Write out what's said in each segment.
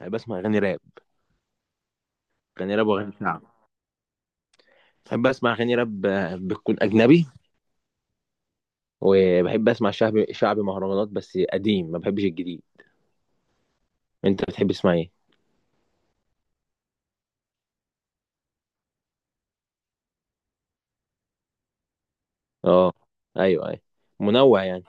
بحب اسمع اغاني راب. اغاني راب واغاني شعب. بحب اسمع اغاني راب، بتكون اجنبي. وبحب اسمع شعبي مهرجانات، بس قديم، ما بحبش الجديد. انت بتحب تسمع ايه؟ اه، ايوه ايوه، منوع يعني.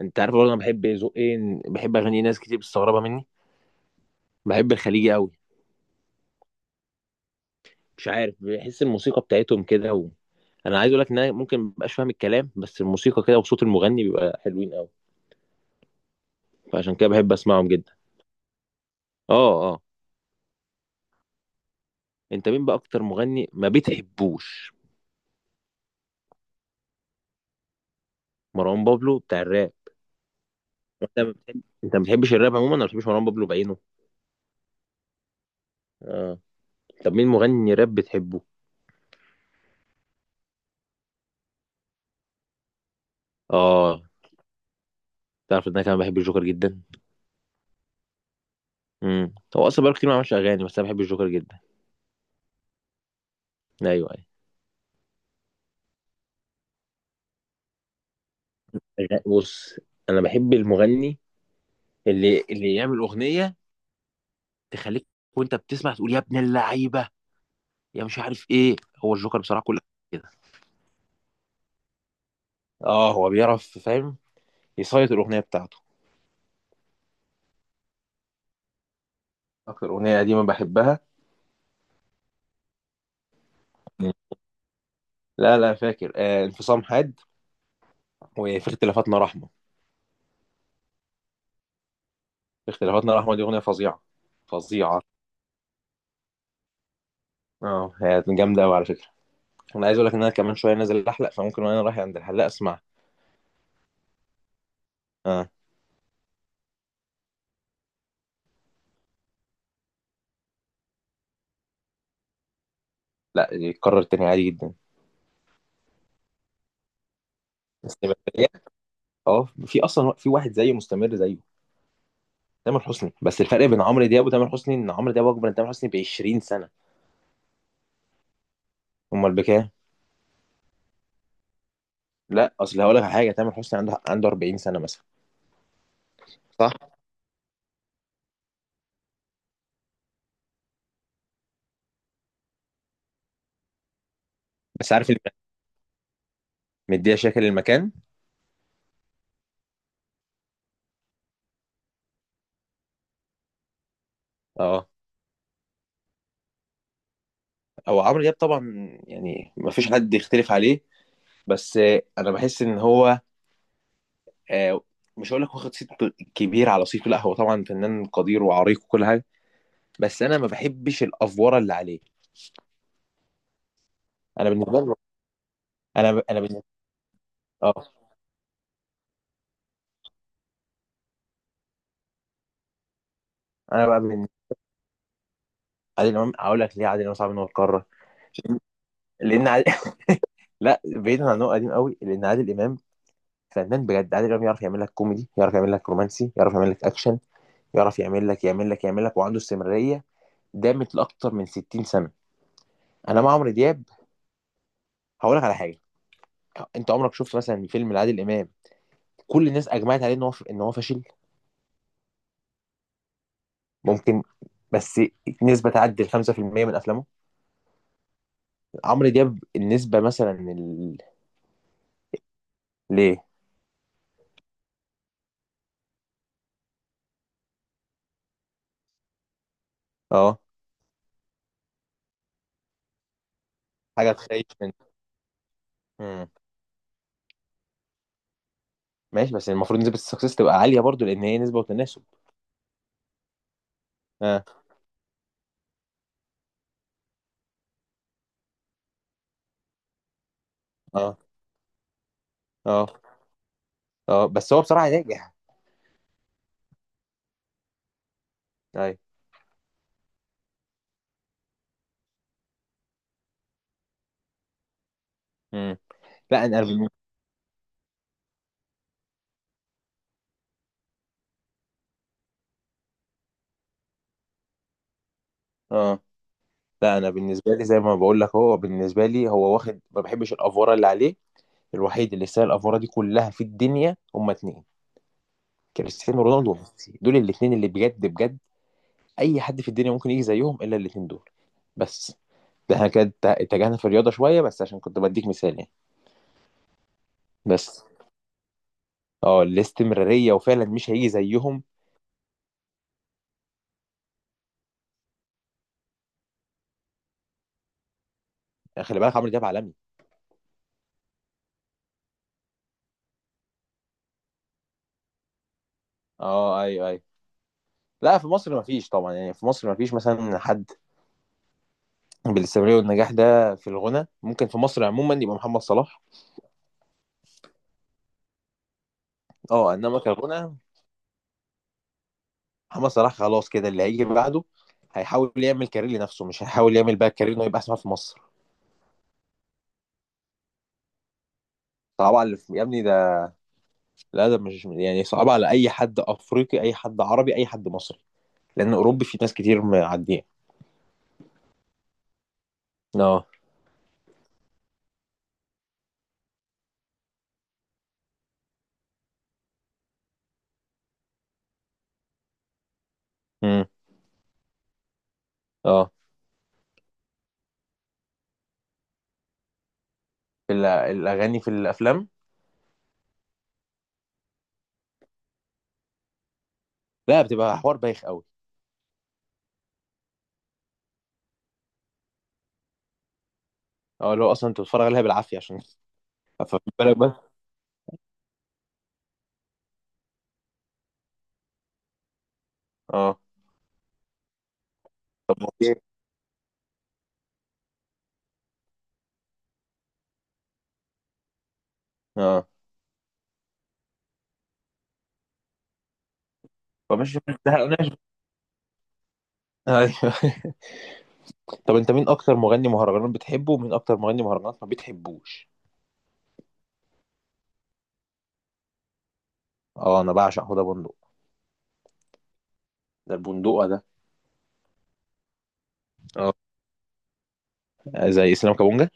انت عارف برضه انا بحب ذوق ايه؟ بحب اغاني ناس كتير مستغربه مني. بحب الخليجي قوي. مش عارف، بحس الموسيقى بتاعتهم كده و... انا عايز اقول لك ان انا ممكن مبقاش فاهم الكلام، بس الموسيقى كده وصوت المغني بيبقى حلوين قوي. فعشان كده بحب اسمعهم جدا. اه اه. انت مين بقى اكتر مغني ما بتحبوش؟ مروان بابلو بتاع الراب. انت ما بتحب، انت ما بتحبش الراب عموما ولا ما بتحبش مروان بابلو بعينه؟ اه. طب مين مغني راب بتحبه؟ اه. تعرف ان انا كمان بحب الجوكر جدا. امم، هو اصلا بقاله كتير ما عملش اغاني، بس انا بحب الجوكر جدا. ايوه ايوه. بص، انا بحب المغني اللي يعمل اغنيه تخليك، وانت بتسمع تقول يا ابن اللعيبه، يا مش عارف ايه. هو الجوكر بصراحه كل كده. اه، هو بيعرف، فاهم، يسيط الاغنيه بتاعته. اكتر اغنيه قديمه بحبها؟ لا لا، فاكر، انفصام حاد، وفي اختلافاتنا رحمه. اختلافاتنا الرحمة دي أغنية فظيعة. فظيعة. اه، هي جامدة أوي على فكرة. أنا عايز أقول لك إن أنا كمان شوية نازل أحلق، فممكن وأنا رايح عند الحلاق أسمعها. اه. لا، يتكرر تاني عادي جدا. بس بداية. اه، في أصلا في واحد زيه مستمر زيه. تامر حسني. بس الفرق بين عمرو دياب وتامر حسني إن عمرو دياب أكبر من تامر حسني ب 20 سنة. أمال بكام؟ لا أصل هقول لك على حاجة، تامر حسني عنده 40 سنة مثلا. صح. بس عارف اللي مديها شكل المكان. اه، هو عمرو دياب طبعا، يعني ما فيش حد يختلف عليه. بس انا بحس ان هو، آه، مش هقول لك واخد صيت كبير على صيته، لا هو طبعا فنان قدير وعريق وكل حاجه. بس انا ما بحبش الافوره اللي عليه. انا بالنسبه لي. انا بالنسبه. اه. انا بقى من عادل امام هقول لك ليه عادل امام صعب ان هو يتكرر. لان عادل... لا، بعيدا عن انه قديم قوي، لان عادل امام فنان بجد. عادل امام يعرف يعمل لك كوميدي، يعرف يعمل لك رومانسي، يعرف يعمل لك اكشن، يعرف يعمل لك، وعنده استمراريه دامت لاكتر من 60 سنه. انا مع عمرو دياب هقول لك على حاجه. انت عمرك شفت مثلا فيلم لعادل امام كل الناس اجمعت عليه ان هو فاشل؟ ممكن. بس نسبه تعدي ال 5% من افلامه. عمرو دياب النسبه مثلا ال... ليه؟ اه، حاجه تخيش من. مم. ماشي، بس المفروض نسبه السكسس تبقى عاليه برضو، لان هي نسبه وتناسب. اه اه اه اه، بس هو بصراحه ناجح. ايوه. مم. لا انا بال... اه. لا، انا بالنسبه لي، زي ما بقول لك، هو بالنسبه لي هو واخد، ما بحبش الافوره اللي عليه. الوحيد اللي يستاهل الافوره دي كلها في الدنيا هما اتنين: كريستيانو رونالدو وميسي. دول الاتنين اللي بجد بجد. اي حد في الدنيا ممكن يجي زيهم الا الاتنين دول. بس ده احنا كده اتجهنا في الرياضه شويه، بس عشان كنت بديك مثال يعني. بس اه، الاستمراريه، وفعلا مش هيجي زيهم. يعني خلي بالك عمرو دياب عالمي. اه، ايوه ايوه. لا، في مصر ما فيش طبعا، يعني في مصر ما فيش مثلا حد بالاستمراريه والنجاح ده في الغنى. ممكن في مصر عموما يبقى محمد صلاح. اه، انما كغنى. محمد صلاح خلاص كده. اللي هيجي بعده هيحاول يعمل كارير لنفسه، مش هيحاول يعمل بقى كارير انه يبقى اسمها في مصر. طبعا يا ابني، لا ده مش يعني صعب على اي حد افريقي، اي حد عربي، اي حد مصري، لان اوروبي في ناس كتير معديه. اه. امم اه. في الاغاني في الافلام. لا، بتبقى حوار بايخ قوي. اه، اللي هو اصلا انت بتتفرج عليها بالعافيه عشان ففي بالك بس. اه. طب اوكي. اه. فمش مستاهل، ايوه. طب انت مين اكتر مغني مهرجانات بتحبه، ومين اكتر مغني مهرجانات ما بتحبوش؟ اه، انا بعشق حوده بندق. ده البندقه ده. اه، زي اسلام كابونجا.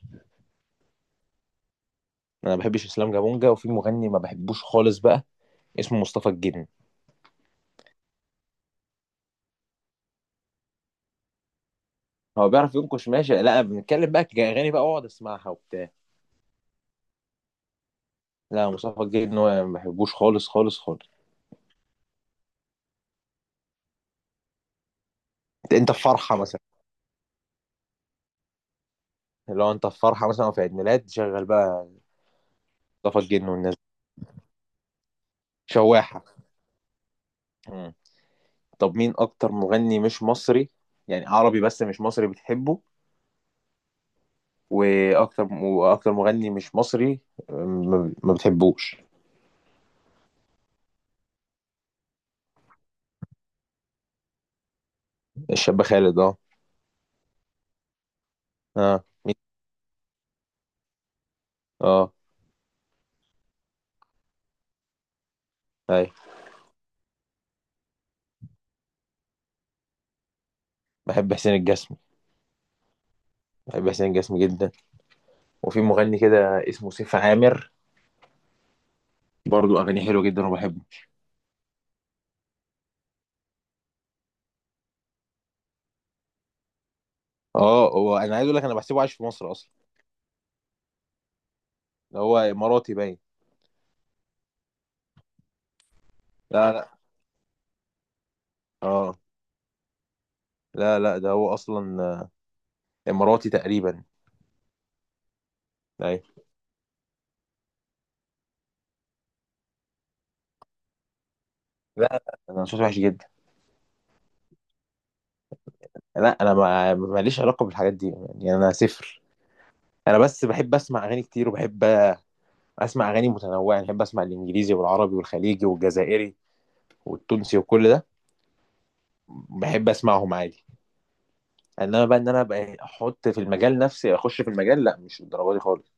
انا ما بحبش اسلام كابونجا، وفي مغني ما بحبوش خالص بقى اسمه مصطفى الجن. هو بيعرف ينكش ماشي، لا بنتكلم بقى كأغاني بقى اقعد اسمعها وبتاع. لا، مصطفى الجديد ان هو ما بحبوش خالص خالص خالص. انت، أنت في فرحه مثلا، لو انت في فرحه مثلا أو في عيد ميلاد، شغل بقى مصطفى الجديد والناس دي. شواحه. مم. طب مين اكتر مغني مش مصري، يعني عربي بس مش مصري، بتحبه؟ واكتر، واكتر مغني مش مصري ما، ما بتحبوش؟ الشاب خالد، اه اه. مين؟ اه، ايوه. بحب حسين الجسمي. بحب حسين الجسمي جدا. وفي مغني كده اسمه سيف عامر، برضو اغاني حلوه جدا وبحبه. اه، هو انا عايز اقول لك انا بحسبه عايش في مصر اصلا. ده هو اماراتي باين. لا لا. اه. لا لا، ده هو اصلا اماراتي تقريبا. ايوه. لا، انا صوتي وحش جدا. لا، انا ما ماليش علاقه بالحاجات دي، يعني انا صفر. انا بس بحب اسمع اغاني كتير، وبحب اسمع اغاني متنوعه. يعني بحب اسمع الانجليزي والعربي والخليجي والجزائري والتونسي وكل ده. بحب اسمعهم عادي. انما بقى ان انا بقى احط في المجال، نفسي اخش في المجال، لا مش الدرجه دي خالص.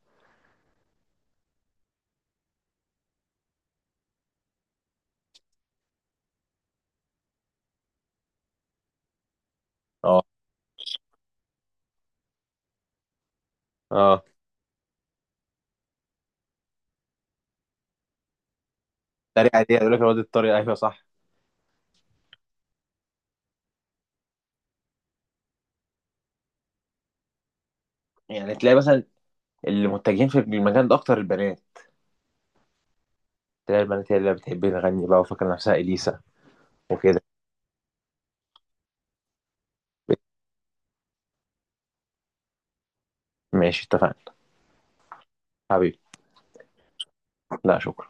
اه اه، الطريقه دي، يقول لك الواد الطريقه، ايوه صح. يعني تلاقي مثلا اللي متجهين في المكان ده اكتر البنات. تلاقي البنات هي اللي بتحب تغني بقى وفاكره نفسها اليسا، وكده. ماشي، اتفقنا. حبيبي. لا شكرا.